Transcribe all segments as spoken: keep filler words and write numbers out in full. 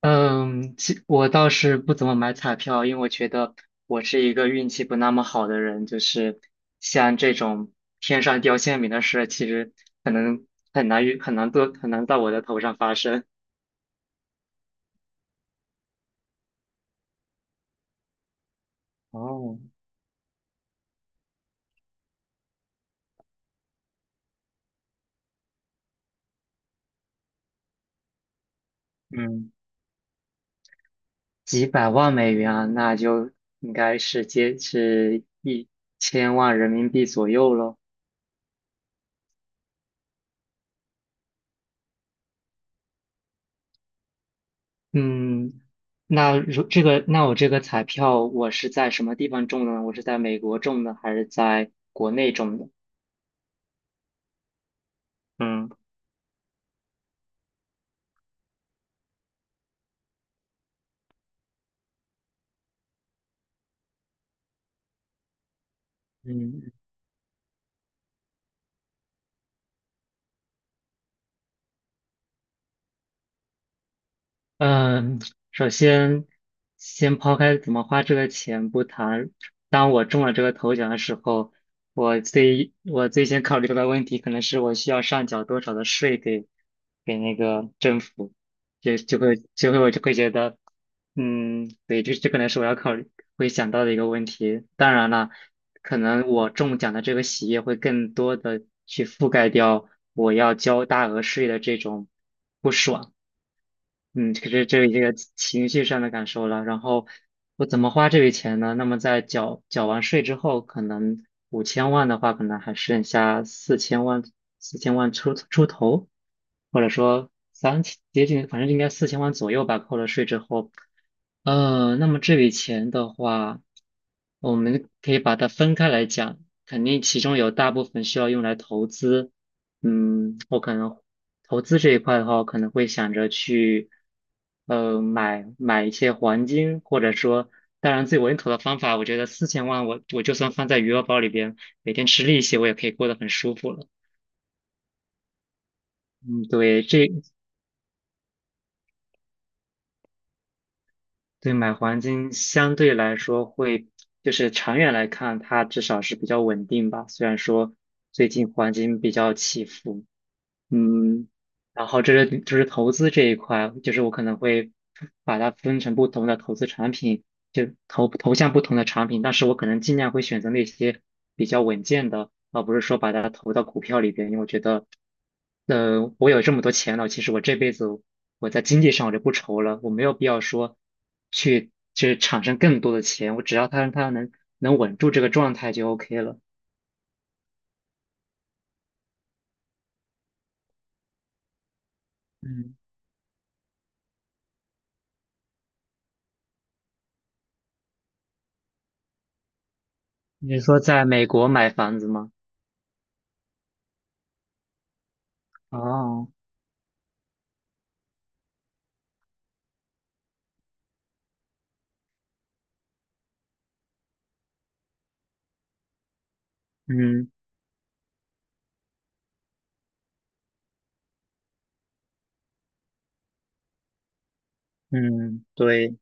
嗯，其我倒是不怎么买彩票，因为我觉得我是一个运气不那么好的人，就是像这种天上掉馅饼的事，其实可能很难遇，很难多，很难到我的头上发生。哦，嗯，几百万美元啊，那就应该是接是一千万人民币左右咯。嗯，那如这个，那我这个彩票我是在什么地方中的呢？我是在美国中的，还是在国内中的？嗯。嗯嗯，首先先抛开怎么花这个钱不谈，当我中了这个头奖的时候，我最我最先考虑到的问题可能是我需要上缴多少的税给给那个政府，就就会就会我就会觉得，嗯，对，这这可能是我要考虑会想到的一个问题。当然了，可能我中奖的这个喜悦会更多的去覆盖掉我要交大额税的这种不爽。嗯，可是这这个情绪上的感受了。然后我怎么花这笔钱呢？那么在缴缴完税之后，可能五千万的话，可能还剩下四千万，四千万出出头，或者说三千，接近，反正应该四千万左右吧。扣了税之后，呃，那么这笔钱的话，我们可以把它分开来讲，肯定其中有大部分需要用来投资。嗯，我可能投资这一块的话，我可能会想着去，呃，买买一些黄金，或者说，当然最稳妥的方法，我觉得四千万我我就算放在余额宝里边，每天吃利息，我也可以过得很舒服了。嗯，对，这对，买黄金相对来说会，就是长远来看，它至少是比较稳定吧。虽然说最近黄金比较起伏，嗯，然后这是就是投资这一块，就是我可能会把它分成不同的投资产品，就投投向不同的产品，但是我可能尽量会选择那些比较稳健的，而不是说把它投到股票里边，因为我觉得，呃，我有这么多钱了，其实我这辈子我在经济上我就不愁了，我没有必要说去去产生更多的钱，我只要它它能能稳住这个状态就 OK 了。嗯，你是说在美国买房子吗？哦，嗯，嗯，对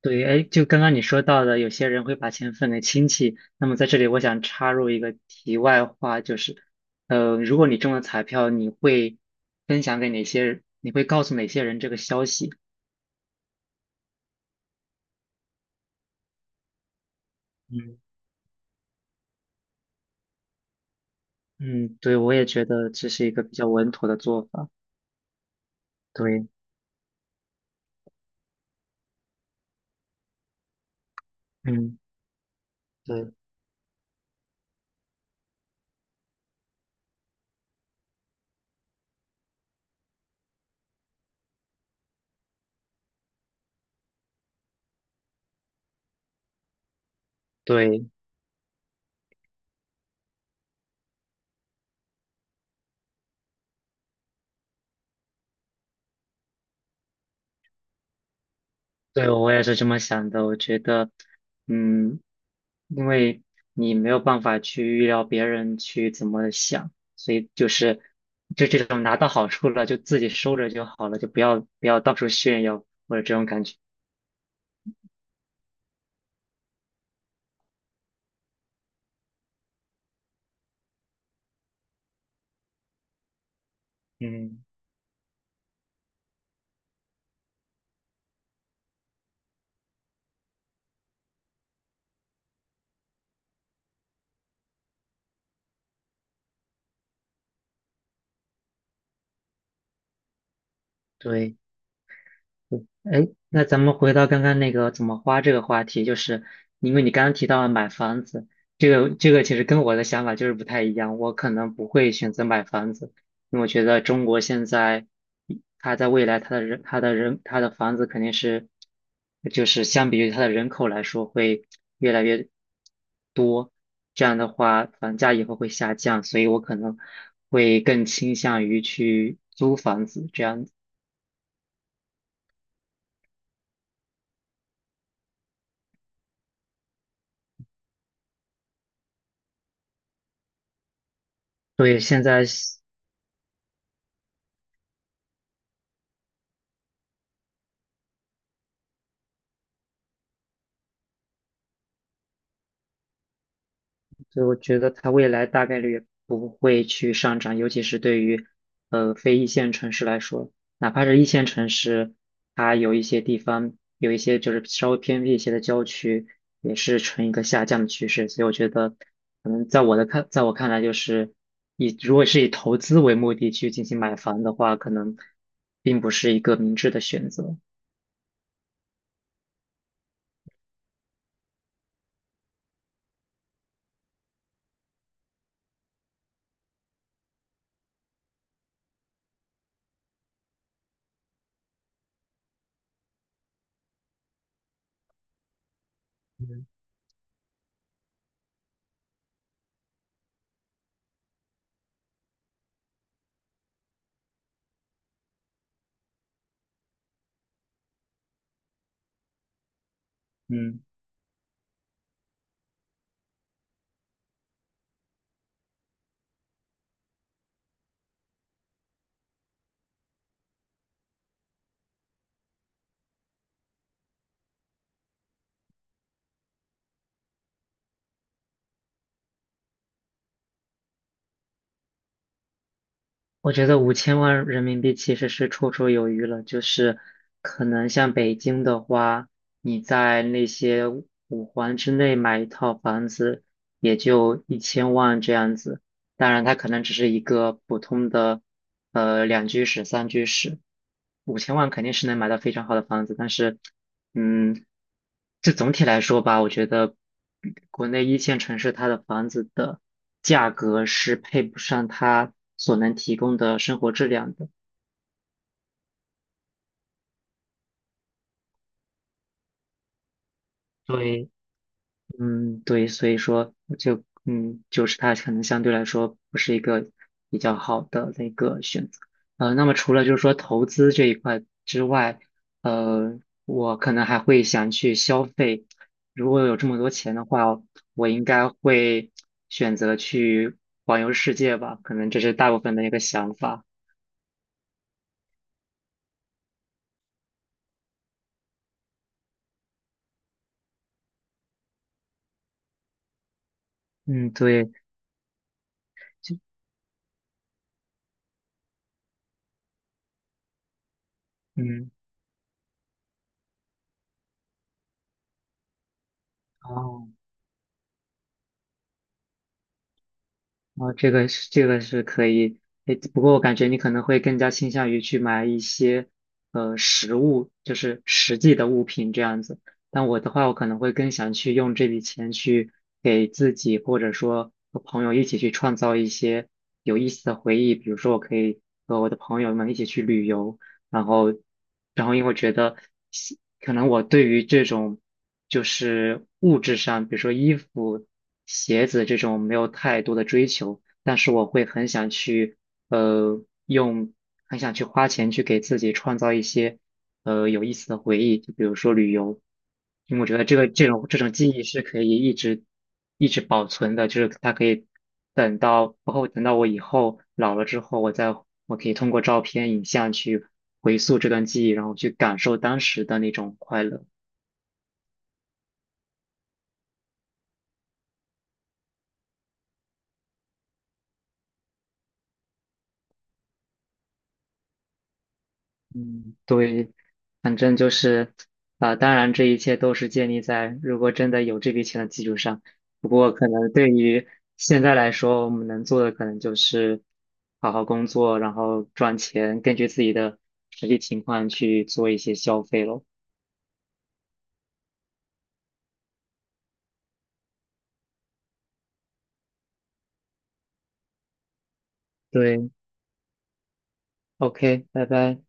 对，哎，就刚刚你说到的，有些人会把钱分给亲戚。那么在这里，我想插入一个题外话，就是，呃，如果你中了彩票，你会分享给哪些人？你会告诉哪些人这个消息？嗯嗯，对，我也觉得这是一个比较稳妥的做法。对，嗯，对对。对，我也是这么想的。我觉得，嗯，因为你没有办法去预料别人去怎么想，所以就是就这种拿到好处了，就自己收着就好了，就不要不要到处炫耀或者这种感觉。嗯，对。哎，那咱们回到刚刚那个怎么花这个话题，就是因为你刚刚提到了买房子，这个这个其实跟我的想法就是不太一样，我可能不会选择买房子，因为我觉得中国现在，它在未来它的人它的人它的房子肯定是，就是相比于它的人口来说会越来越多，这样的话房价以后会下降，所以我可能会更倾向于去租房子这样子。所以现在。所以我觉得它未来大概率不会去上涨，尤其是对于呃非一线城市来说，哪怕是一线城市，它有一些地方有一些就是稍微偏僻一些的郊区，也是呈一个下降的趋势。所以我觉得，可能在我的看，在我看来，就是以如果是以投资为目的去进行买房的话，可能并不是一个明智的选择。嗯嗯。我觉得五千万人民币其实是绰绰有余了，就是可能像北京的话，你在那些五环之内买一套房子，也就一千万这样子。当然它可能只是一个普通的呃两居室、三居室，五千万肯定是能买到非常好的房子，但是嗯，这总体来说吧，我觉得国内一线城市它的房子的价格是配不上它所能提供的生活质量的。对，嗯，对，所以说就嗯，就是它可能相对来说不是一个比较好的那个选择。呃，那么除了就是说投资这一块之外，呃，我可能还会想去消费。如果有这么多钱的话，我应该会选择去环游世界吧，可能这是大部分的一个想法。嗯，对，就嗯，哦。啊，这个是这个是可以，诶，不过我感觉你可能会更加倾向于去买一些呃实物，就是实际的物品这样子。但我的话，我可能会更想去用这笔钱去给自己或者说和朋友一起去创造一些有意思的回忆，比如说我可以和我的朋友们一起去旅游，然后，然后因为觉得西可能我对于这种就是物质上，比如说衣服、鞋子这种没有太多的追求，但是我会很想去呃用很想去花钱去给自己创造一些呃有意思的回忆，就比如说旅游，因为我觉得这个这种这种记忆是可以一直一直保存的，就是它可以等到包括等到我以后老了之后，我再我可以通过照片、影像去回溯这段记忆，然后去感受当时的那种快乐。嗯对，反正就是，啊、当然这一切都是建立在如果真的有这笔钱的基础上。不过可能对于现在来说，我们能做的可能就是好好工作，然后赚钱，根据自己的实际情况去做一些消费咯。对，OK，拜拜。